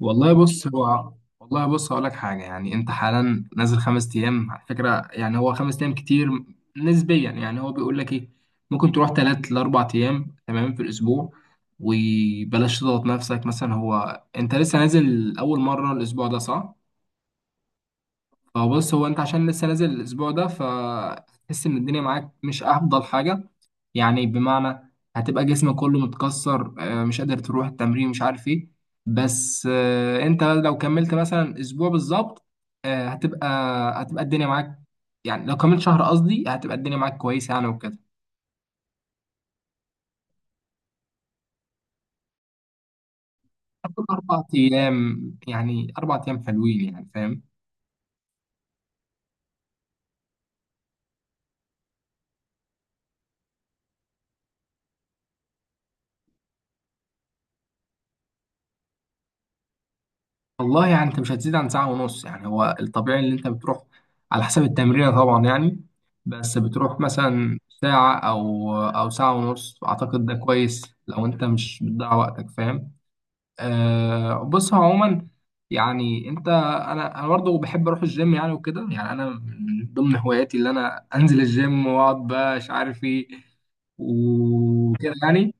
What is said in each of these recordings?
والله بص هو والله بص هقول لك حاجه. يعني انت حالا نازل خمس ايام على فكره، يعني هو خمس ايام كتير نسبيا. يعني هو بيقول لك ايه، ممكن تروح ثلاث لاربع ايام تمام في الاسبوع. وبلاش تضغط نفسك مثلا، هو انت لسه نازل اول مره الاسبوع ده، صح؟ فبص، هو انت عشان لسه نازل الاسبوع ده فتحس ان الدنيا معاك مش افضل حاجه. يعني بمعنى هتبقى جسمك كله متكسر، مش قادر تروح التمرين، مش عارف ايه. بس، انت لو كملت مثلا اسبوع بالظبط، آه، هتبقى هتبقى الدنيا معاك. يعني لو كملت شهر، قصدي هتبقى الدنيا معاك كويسة، يعني وكده. هتكون اربع ايام، يعني اربع ايام حلوين، يعني فاهم؟ والله يعني انت مش هتزيد عن ساعة ونص، يعني هو الطبيعي اللي انت بتروح. على حسب التمرين طبعا يعني. بس بتروح مثلا ساعة او ساعة ونص، اعتقد ده كويس لو انت مش بتضيع وقتك، فاهم؟ بص هو عموما، يعني انت انا برضه بحب اروح الجيم يعني وكده، يعني انا من ضمن هواياتي اللي انا انزل الجيم واقعد بقى مش عارف ايه وكده يعني.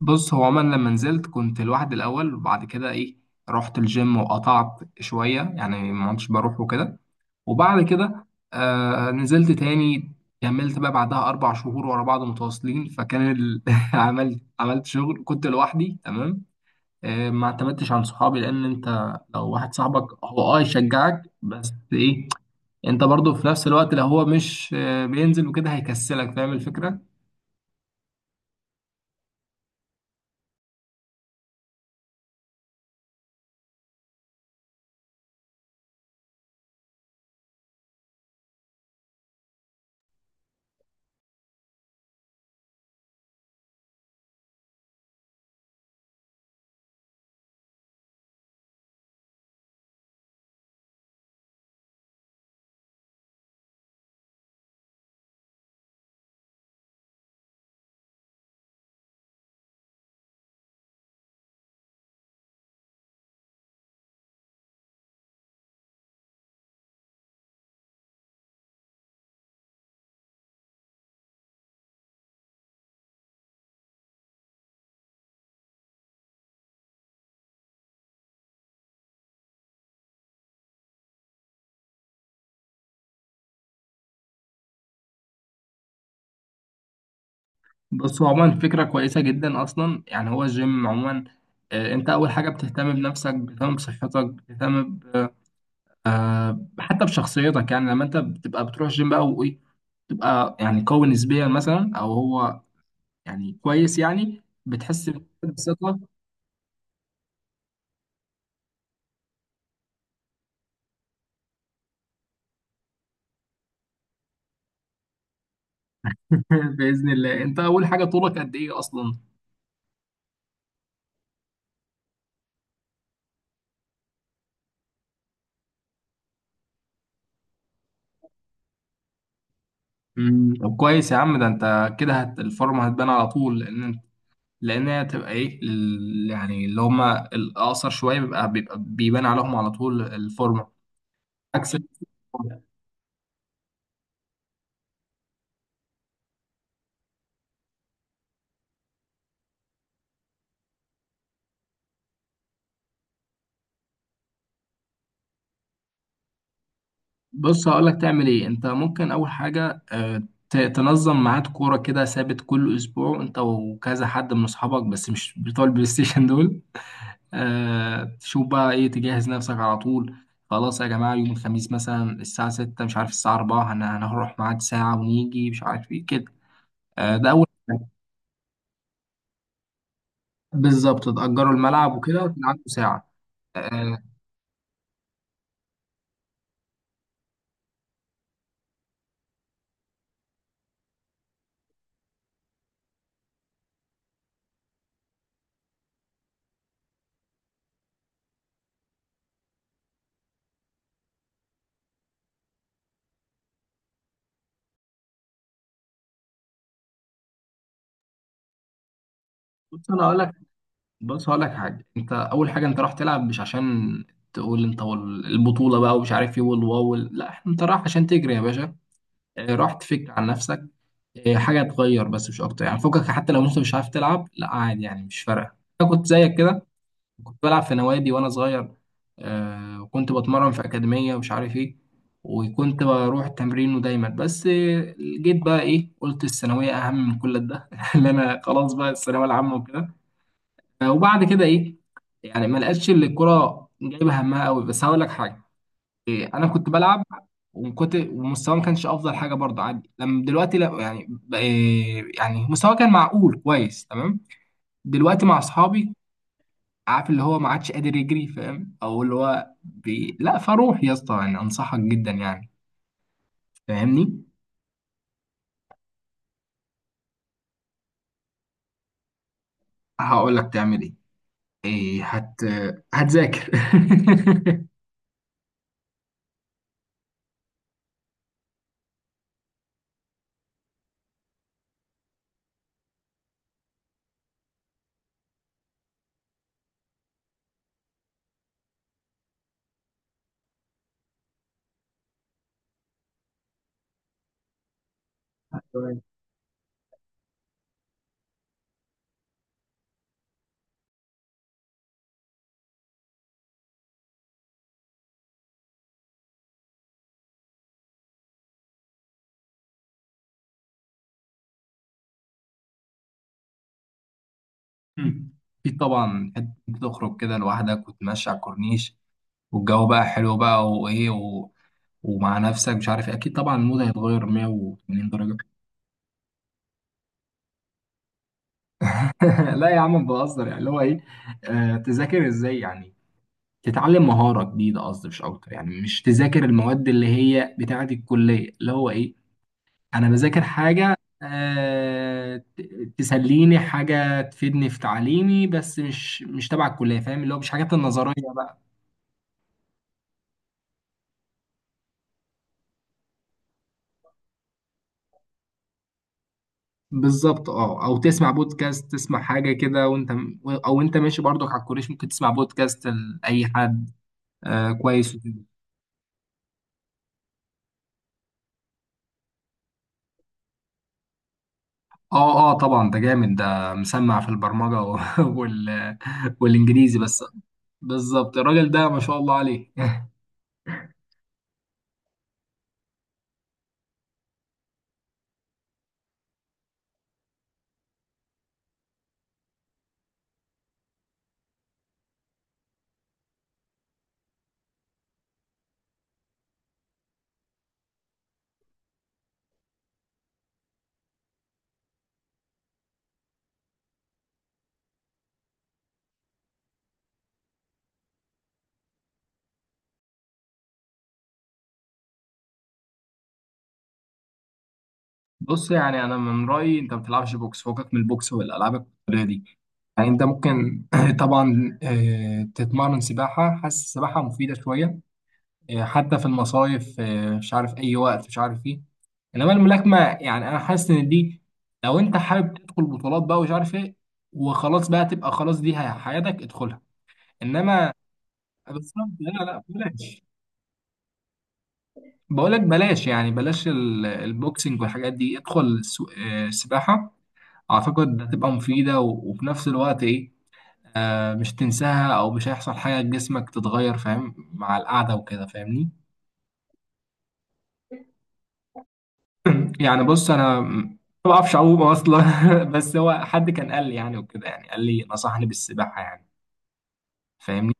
بص هو عموما لما نزلت كنت لوحدي الاول، وبعد كده ايه، رحت الجيم وقطعت شويه، يعني ما كنتش بروح وكده. وبعد كده نزلت تاني. كملت بقى بعدها اربع شهور ورا بعض متواصلين، فكان عملت شغل، كنت لوحدي تمام. ما اعتمدتش على صحابي، لان انت لو واحد صاحبك هو يشجعك بس ايه، انت برضو في نفس الوقت لو هو مش بينزل وكده هيكسلك، فاهم الفكره؟ بص هو عموما فكرة كويسة جدا أصلا، يعني هو الجيم عموما، أنت أول حاجة بتهتم بنفسك، بتهتم بصحتك، بتهتم حتى بشخصيتك. يعني لما أنت بتبقى بتروح الجيم بقى وإيه، تبقى يعني قوي نسبيا مثلا، أو هو يعني كويس، يعني بتحس بثقة. بإذن الله. أنت أول حاجة، طولك قد إيه أصلا؟ طب كويس يا عم. ده أنت كده الفورمة هتبان على طول، لأن هي تبقى ايه يعني اللي هم الاقصر شويه بيبقى بيبان عليهم على طول الفورمه، عكس الفورمة. بص هقول لك تعمل ايه، انت ممكن اول حاجه تنظم ميعاد كوره كده ثابت كل اسبوع، انت وكذا حد من اصحابك بس مش بتوع البلاي ستيشن دول. تشوف بقى ايه، تجهز نفسك على طول. خلاص يا جماعه، يوم الخميس مثلا الساعه 6، مش عارف الساعه 4، هنروح ميعاد ساعه ونيجي مش عارف ايه كده. ده اول. بالظبط تأجروا الملعب وكده وكان عنده ساعة. آه، بص أنا هقول لك بص هقول لك حاجة. أنت أول حاجة أنت رايح تلعب مش عشان تقول أنت البطولة بقى ومش عارف إيه لا أنت رايح عشان تجري يا باشا. رايح تفك عن نفسك، حاجة تغير بس مش أكتر، يعني فكك حتى لو أنت مش عارف تلعب لا عادي، يعني مش فارقة. أنا كنت زيك كده، كنت بلعب في نوادي وانا صغير. وكنت بتمرن في اكاديميه ومش عارف ايه، وكنت بروح التمرين ودايما، بس جيت بقى ايه، قلت الثانويه اهم من كل ده اللي انا خلاص بقى الثانويه العامه وكده. وبعد كده ايه، يعني ما لقيتش اللي الكوره جايبه همها قوي، بس هقول لك حاجه. إيه، انا كنت بلعب، وكنت ومستواي ما كانش افضل حاجه برضه عادي. لما دلوقتي لا، يعني إيه، يعني مستواي كان معقول كويس تمام. دلوقتي مع اصحابي، عارف اللي هو ما عادش قادر يجري، فاهم؟ او اللي هو لا فروح يا اسطى، يعني انصحك جدا يعني، فاهمني؟ هقول لك تعمل ايه، ايه هتذاكر. تمام. مم. في طبعا حتة تخرج كده لوحدك وتمشي على الكورنيش، والجو بقى حلو بقى وايه ومع نفسك مش عارف إيه. اكيد طبعا المود هيتغير 180 درجة. لا يا عم بهزر، يعني اللي هو ايه، تذاكر ازاي يعني. تتعلم مهارة جديدة قصدي، مش أكتر، يعني مش تذاكر المواد اللي هي بتاعة الكلية اللي هو إيه. أنا بذاكر حاجة، تسليني حاجة تفيدني في تعليمي، بس مش تبع الكلية، فاهم؟ اللي هو مش حاجات النظرية بقى. بالظبط. أه، أو تسمع بودكاست، تسمع حاجة كده وأنت، أو أنت ماشي برضك على الكورنيش ممكن تسمع بودكاست لأي حد. كويس وكده. أه أه طبعا، ده جامد، ده مسمع في البرمجة وال... والإنجليزي بس. بالظبط الراجل ده ما شاء الله عليه. بص يعني انا من رايي انت ما بتلعبش بوكس، فوقك من البوكس والالعاب القتاليه دي. يعني انت ممكن طبعا، تتمرن سباحه، حاسس السباحه مفيده شويه. حتى في المصايف، مش عارف اي وقت مش عارف ايه. انما الملاكمه، يعني انا حاسس ان دي، لو انت حابب تدخل بطولات بقى ومش عارف ايه وخلاص بقى، تبقى خلاص دي حياتك، ادخلها. انما بالظبط، لا، لا، بلاش. بقولك بلاش، يعني بلاش البوكسنج والحاجات دي، ادخل السباحة. أعتقد هتبقى مفيدة وفي نفس الوقت إيه، مش تنساها أو مش هيحصل حاجة لجسمك تتغير، فاهم مع القعدة وكده، فاهمني؟ يعني بص أنا ما بعرفش أعوم أصلا. بس هو حد كان قال لي يعني وكده، يعني قال لي نصحني بالسباحة يعني، فاهمني؟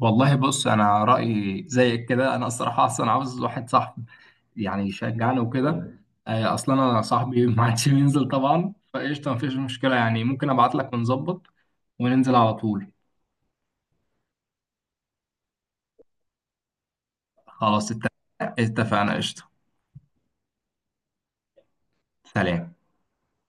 والله بص، أنا رأيي زيك كده. أنا الصراحة أصلا عاوز واحد صاحبي يعني يشجعني وكده. اصلا انا صاحبي ما عادش بينزل طبعا، فقشطه مفيش مشكله، يعني ممكن ابعت لك ونظبط وننزل على طول. خلاص اتفقنا قشطه. سلام.